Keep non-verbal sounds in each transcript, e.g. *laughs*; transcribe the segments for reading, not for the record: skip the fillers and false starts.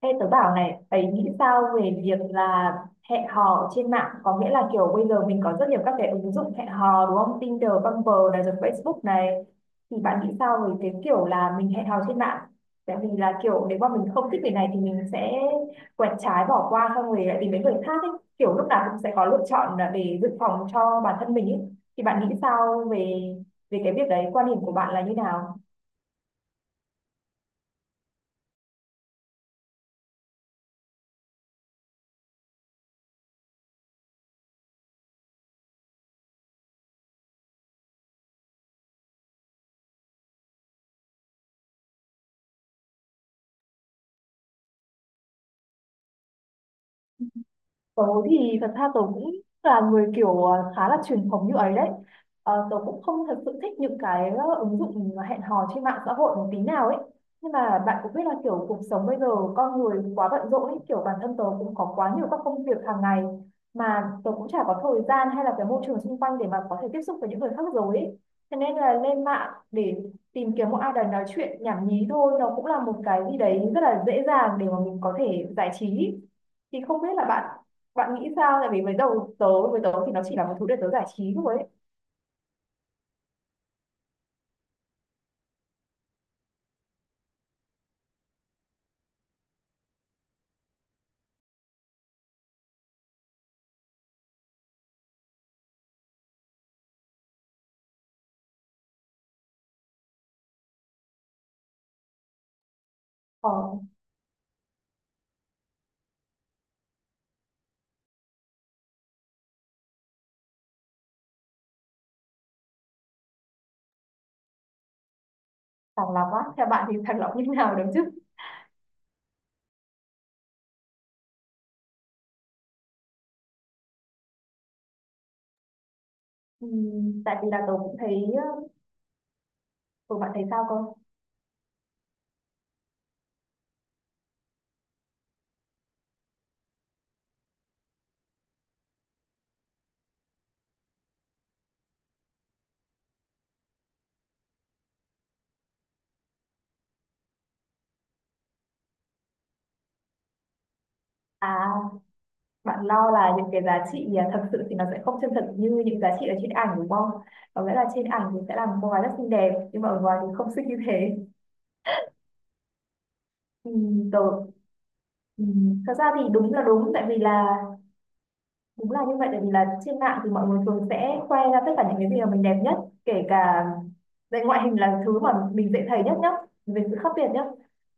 Ê, tớ bảo này, ấy nghĩ sao về việc là hẹn hò trên mạng? Có nghĩa là kiểu bây giờ mình có rất nhiều các cái ứng dụng hẹn hò đúng không? Tinder, Bumble này rồi Facebook này. Thì bạn nghĩ sao về cái kiểu là mình hẹn hò trên mạng? Tại vì là kiểu nếu mà mình không thích người này thì mình sẽ quẹt trái bỏ qua xong rồi lại tìm đến người khác ấy. Kiểu lúc nào cũng sẽ có lựa chọn là để dự phòng cho bản thân mình ấy. Thì bạn nghĩ sao về về cái việc đấy, quan điểm của bạn là như nào? Tớ thì thật ra tớ cũng là người kiểu khá là truyền thống như ấy đấy. Tớ cũng không thật sự thích những cái ứng dụng hẹn hò trên mạng xã hội một tí nào ấy. Nhưng mà bạn cũng biết là kiểu cuộc sống bây giờ con người quá bận rộn ấy, kiểu bản thân tớ cũng có quá nhiều các công việc hàng ngày mà tớ cũng chả có thời gian hay là cái môi trường xung quanh để mà có thể tiếp xúc với những người khác rồi ấy. Thế nên là lên mạng để tìm kiếm một ai đó nói chuyện nhảm nhí thôi nó cũng là một cái gì đấy rất là dễ dàng để mà mình có thể giải trí. Thì không biết là bạn bạn nghĩ sao, tại vì với đầu tớ với tớ thì nó chỉ là một thứ để tớ giải trí thôi ấy. ờ, Sàng lọc á, theo bạn thì sàng lọc như thế nào, đúng chứ? Tại vì là tớ cũng thấy ừ, bạn thấy sao không? À, bạn lo là những cái giá trị thật sự thì nó sẽ không chân thật như những giá trị ở trên ảnh đúng không? Có nghĩa là trên ảnh thì sẽ là một cô gái rất xinh đẹp nhưng mà ở ngoài thì không xinh như thế. Tớ thật ra thì đúng tại vì là đúng là như vậy. Tại vì là trên mạng thì mọi người thường sẽ khoe ra tất cả những cái gì mà mình đẹp nhất, kể cả về ngoại hình là thứ mà mình dễ thấy nhất nhá, về sự khác biệt nhá.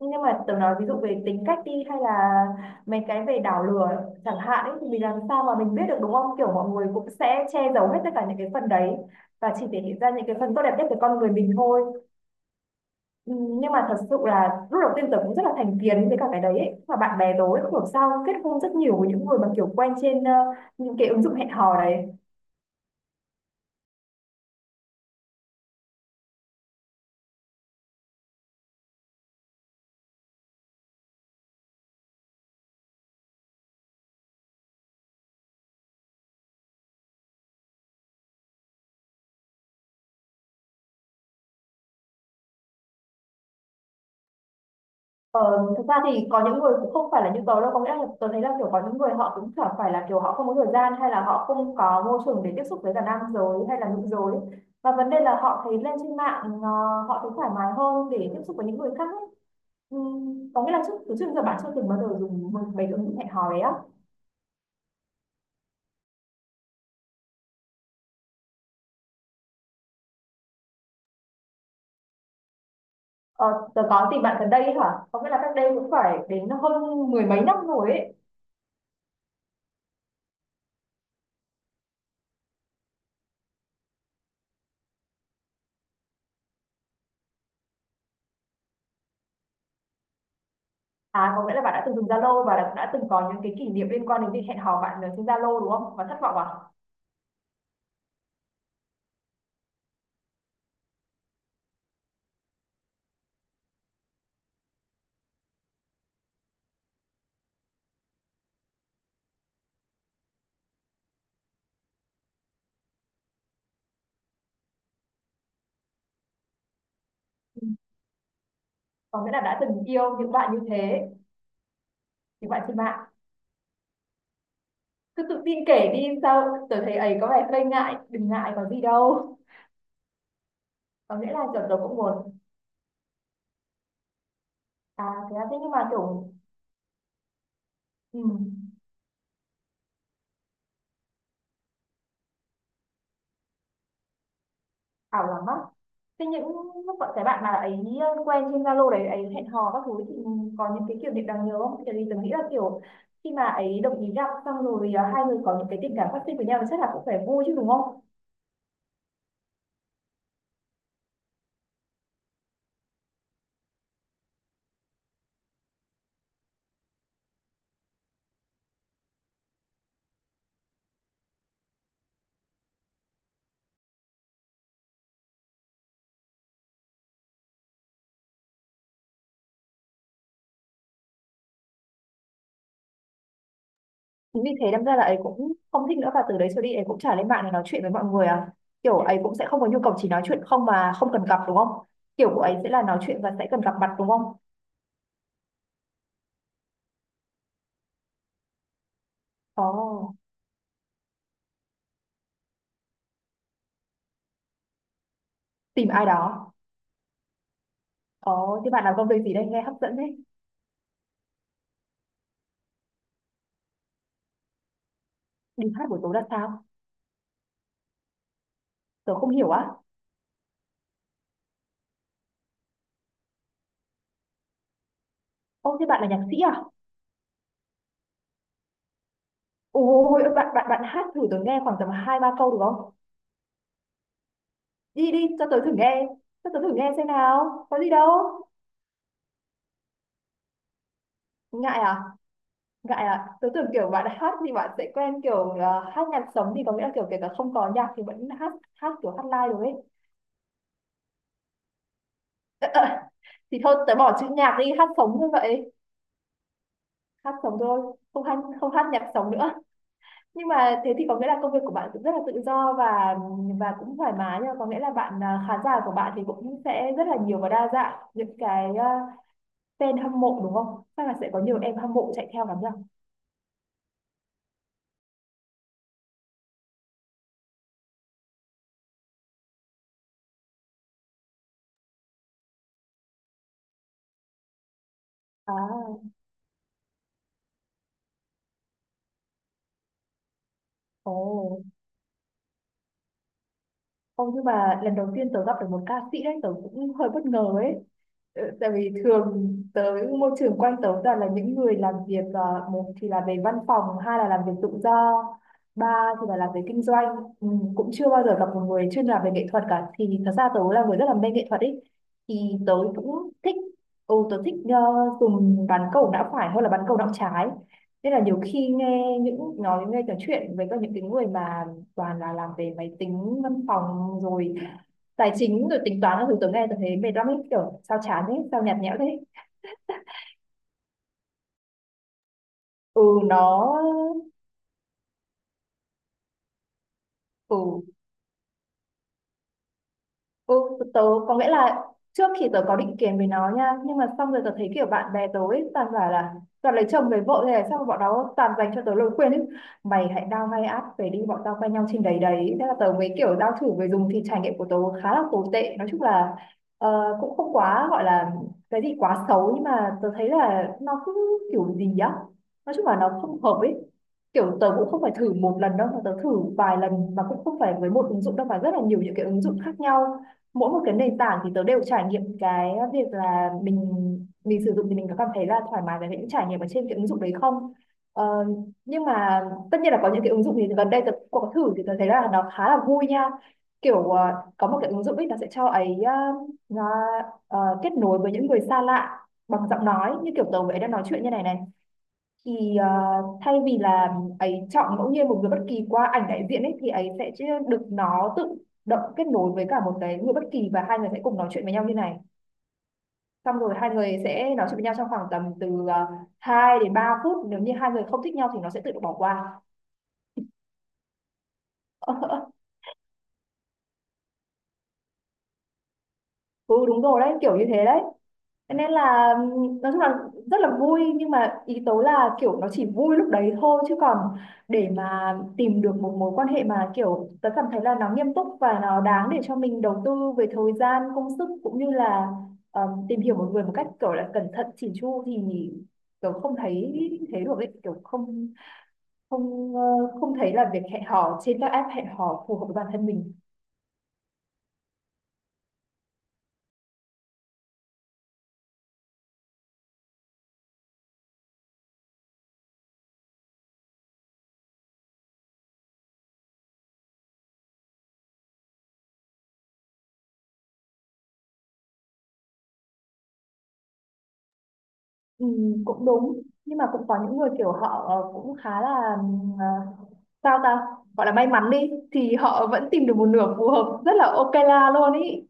Nhưng mà tớ nói ví dụ về tính cách đi, hay là mấy cái về đảo lừa chẳng hạn ấy, thì mình làm sao mà mình biết được đúng không? Kiểu mọi người cũng sẽ che giấu hết tất cả những cái phần đấy và chỉ thể hiện ra những cái phần tốt đẹp nhất của con người mình thôi. Ừ, nhưng mà thật sự là lúc đầu tiên tớ cũng rất là thành kiến với cả cái đấy ấy. Và bạn bè tớ ấy, không hiểu sao kết hôn rất nhiều với những người mà kiểu quen trên những cái ứng dụng hẹn hò đấy. Ờ, Thực ra thì có những người cũng không phải là như tớ đâu, có nghĩa là tớ thấy là kiểu có những người họ cũng chẳng phải là kiểu họ không có thời gian hay là họ không có môi trường để tiếp xúc với cả nam giới hay là nữ giới, và vấn đề là họ thấy lên trên mạng họ thấy thoải mái hơn để tiếp xúc với những người khác ấy. Ừ, có nghĩa là trước, từ trước đến giờ bạn chưa từng bao giờ dùng một mấy cái ứng dụng hẹn hò đấy á? Ờ, tớ có tìm bạn gần đây hả? Có nghĩa là cách đây cũng phải đến hơn mười mấy năm rồi ấy. À, có nghĩa là bạn đã từng dùng Zalo và đã từng có những cái kỷ niệm liên quan đến việc hẹn hò bạn ở trên Zalo đúng không? Và thất vọng à? Ừ. Có nghĩa là đã từng yêu những bạn như thế, những bạn trên mạng. Cứ tự tin kể đi sao? Tớ thấy ấy có vẻ hơi ngại, đừng ngại có gì đâu. Có nghĩa là kiểu tớ cũng buồn. À, thế là thế nhưng mà kiểu... Ừ. Ảo lắm á? Thế những lúc bọn cái bạn mà ấy quen trên Zalo đấy ấy hẹn hò các thứ thì có những cái kiểu niệm đáng nhớ không? Tại vì tưởng nghĩ là kiểu khi mà ấy đồng ý gặp xong rồi à, hai người có những cái tình cảm phát sinh với nhau thì chắc là cũng phải vui chứ đúng không? Chính vì thế đâm ra là ấy cũng không thích nữa, và từ đấy trở đi ấy cũng chả lên mạng để nói chuyện với mọi người à? Kiểu ấy cũng sẽ không có nhu cầu chỉ nói chuyện không mà không cần gặp đúng không? Kiểu của ấy sẽ là nói chuyện và sẽ cần gặp mặt đúng không? Ồ, tìm ai đó. Ồ, thế bạn làm công việc gì đây, nghe hấp dẫn đấy. Đi hát buổi tối là sao? Tớ không hiểu á. Ô thế bạn là nhạc sĩ à? Ôi, bạn bạn bạn hát thử tớ nghe khoảng tầm hai ba câu được không? Đi đi cho tớ thử nghe, cho tớ thử nghe xem nào. Có gì đâu. Ngại à? Ngại à? Tớ tưởng kiểu bạn hát thì bạn sẽ quen kiểu hát nhạc sống thì có nghĩa là kiểu kể cả không có nhạc thì vẫn hát hát kiểu hát live được ấy. Thì thôi tớ bỏ chữ nhạc đi, hát sống như vậy. Hát sống thôi, không hát nhạc sống nữa. Nhưng mà thế thì có nghĩa là công việc của bạn cũng rất là tự do và cũng thoải mái nha, có nghĩa là bạn à, khán giả của bạn thì cũng sẽ rất là nhiều và đa dạng những cái fan hâm mộ đúng không? Chắc là sẽ có nhiều em hâm mộ chạy theo lắm nhỉ? À, ồ. Ô, nhưng mà lần đầu tiên tớ gặp được một ca sĩ đấy, tớ cũng hơi bất ngờ ấy. Ờ, tại vì thường tớ, môi trường quanh tớ toàn là những người làm việc, một thì là về văn phòng, hai là làm việc tự do, ba thì là làm về kinh doanh. Ừ, cũng chưa bao giờ gặp một người chuyên làm về nghệ thuật cả. Thì thật ra tớ là người rất là mê nghệ thuật ấy. Thì tớ cũng thích, ừ, tớ thích dùng bán cầu não phải hơn là bán cầu não trái. Nên là nhiều khi nghe những nói nghe trò chuyện với các những cái người mà toàn là làm về máy tính văn phòng rồi tài chính rồi tính toán các thứ, tớ nghe tôi thấy mệt lắm ấy, kiểu sao chán thế, sao nhạt nhẽo thế. Ừ nó ừ. Ừ, tớ có nghĩa là trước thì tớ có định kiến với nó nha, nhưng mà xong rồi tớ thấy kiểu bạn bè tớ ấy toàn bảo là toàn lấy chồng lấy vợ thế này, xong rồi bọn nó toàn dành cho tớ lời khuyên ấy, mày hãy đao ngay áp về đi, bọn tao quen nhau trên đấy đấy. Thế là tớ mới kiểu đao thử về dùng thì trải nghiệm của tớ khá là tồi tệ. Nói chung là cũng không quá gọi là cái gì quá xấu, nhưng mà tớ thấy là nó cứ kiểu gì á, nói chung là nó không hợp ấy. Kiểu tớ cũng không phải thử một lần đâu mà tớ thử vài lần, mà cũng không phải với một ứng dụng đâu mà rất là nhiều những cái ứng dụng khác nhau. Mỗi một cái nền tảng thì tớ đều trải nghiệm cái việc là mình sử dụng thì mình có cảm thấy là thoải mái với những trải nghiệm ở trên cái ứng dụng đấy không. ờ, nhưng mà tất nhiên là có những cái ứng dụng thì gần đây tớ cũng có thử thì tớ thấy là nó khá là vui nha. Kiểu có một cái ứng dụng ấy nó sẽ cho ấy nó kết nối với những người xa lạ bằng giọng nói như kiểu tớ với ấy đang nói chuyện như này này. Thì thay vì là ấy chọn ngẫu nhiên một người bất kỳ qua ảnh đại diện ấy thì ấy sẽ chứ được nó tự động kết nối với cả một cái người bất kỳ và hai người sẽ cùng nói chuyện với nhau như này. Xong rồi hai người sẽ nói chuyện với nhau trong khoảng tầm từ 2 đến 3 phút, nếu như hai người không thích nhau thì nó sẽ tự động bỏ qua. *laughs* Ừ đúng rồi đấy, kiểu như thế đấy. Thế nên là nói chung là rất là vui, nhưng mà ý tố là kiểu nó chỉ vui lúc đấy thôi, chứ còn để mà tìm được một mối quan hệ mà kiểu tớ cảm thấy là nó nghiêm túc và nó đáng để cho mình đầu tư về thời gian công sức cũng như là tìm hiểu một người một cách kiểu là cẩn thận chỉn chu thì tớ không thấy thế được ấy, kiểu không, không không thấy là việc hẹn hò trên các app hẹn hò phù hợp với bản thân mình. Ừ, cũng đúng nhưng mà cũng có những người kiểu họ cũng khá là ờ, sao ta, gọi là may mắn đi, thì họ vẫn tìm được một nửa phù hợp rất là ok la luôn ý.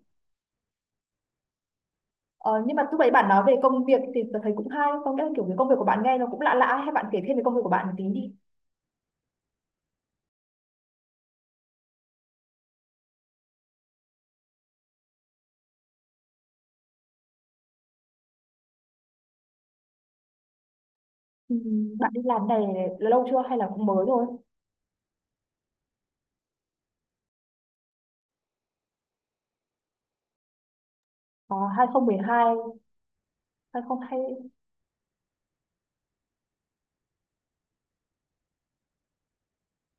Ờ, nhưng mà lúc đấy bạn nói về công việc thì tôi thấy cũng hay, không nghĩa kiểu cái công việc của bạn nghe nó cũng lạ lạ, hay bạn kể thêm về công việc của bạn một tí đi. Ừ, bạn đi làm này là lâu chưa hay là cũng mới thôi? Ờ, 2012? 2020.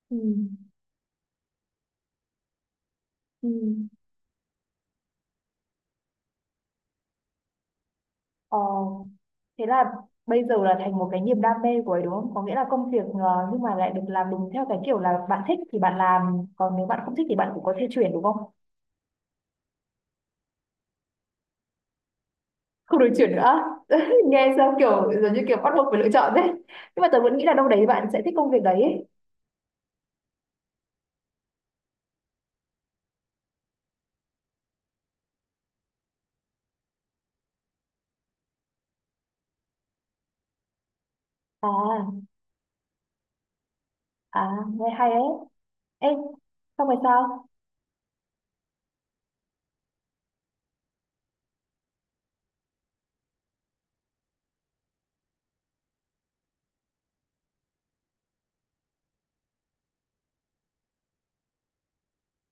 Ừ, ừ. Ờ, thế là bây giờ là thành một cái niềm đam mê của ấy đúng không? Có nghĩa là công việc ờ, nhưng mà lại được làm đúng theo cái kiểu là bạn thích thì bạn làm, còn nếu bạn không thích thì bạn cũng có thể chuyển đúng không? Không được chuyển nữa. *laughs* Nghe sao kiểu giống như kiểu bắt buộc phải lựa chọn đấy. Nhưng mà tớ vẫn nghĩ là đâu đấy bạn sẽ thích công việc đấy ấy. À, à, nghe hay ấy. Ê, xong rồi sao?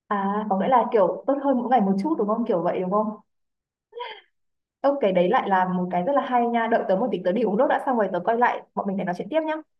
À, có nghĩa là kiểu tốt hơn mỗi ngày một chút đúng không? Kiểu vậy đúng không? Ok, đấy lại là một cái rất là hay nha. Đợi tớ một tí tớ đi uống nước đã xong rồi tớ quay lại bọn mình để nói chuyện tiếp nhá.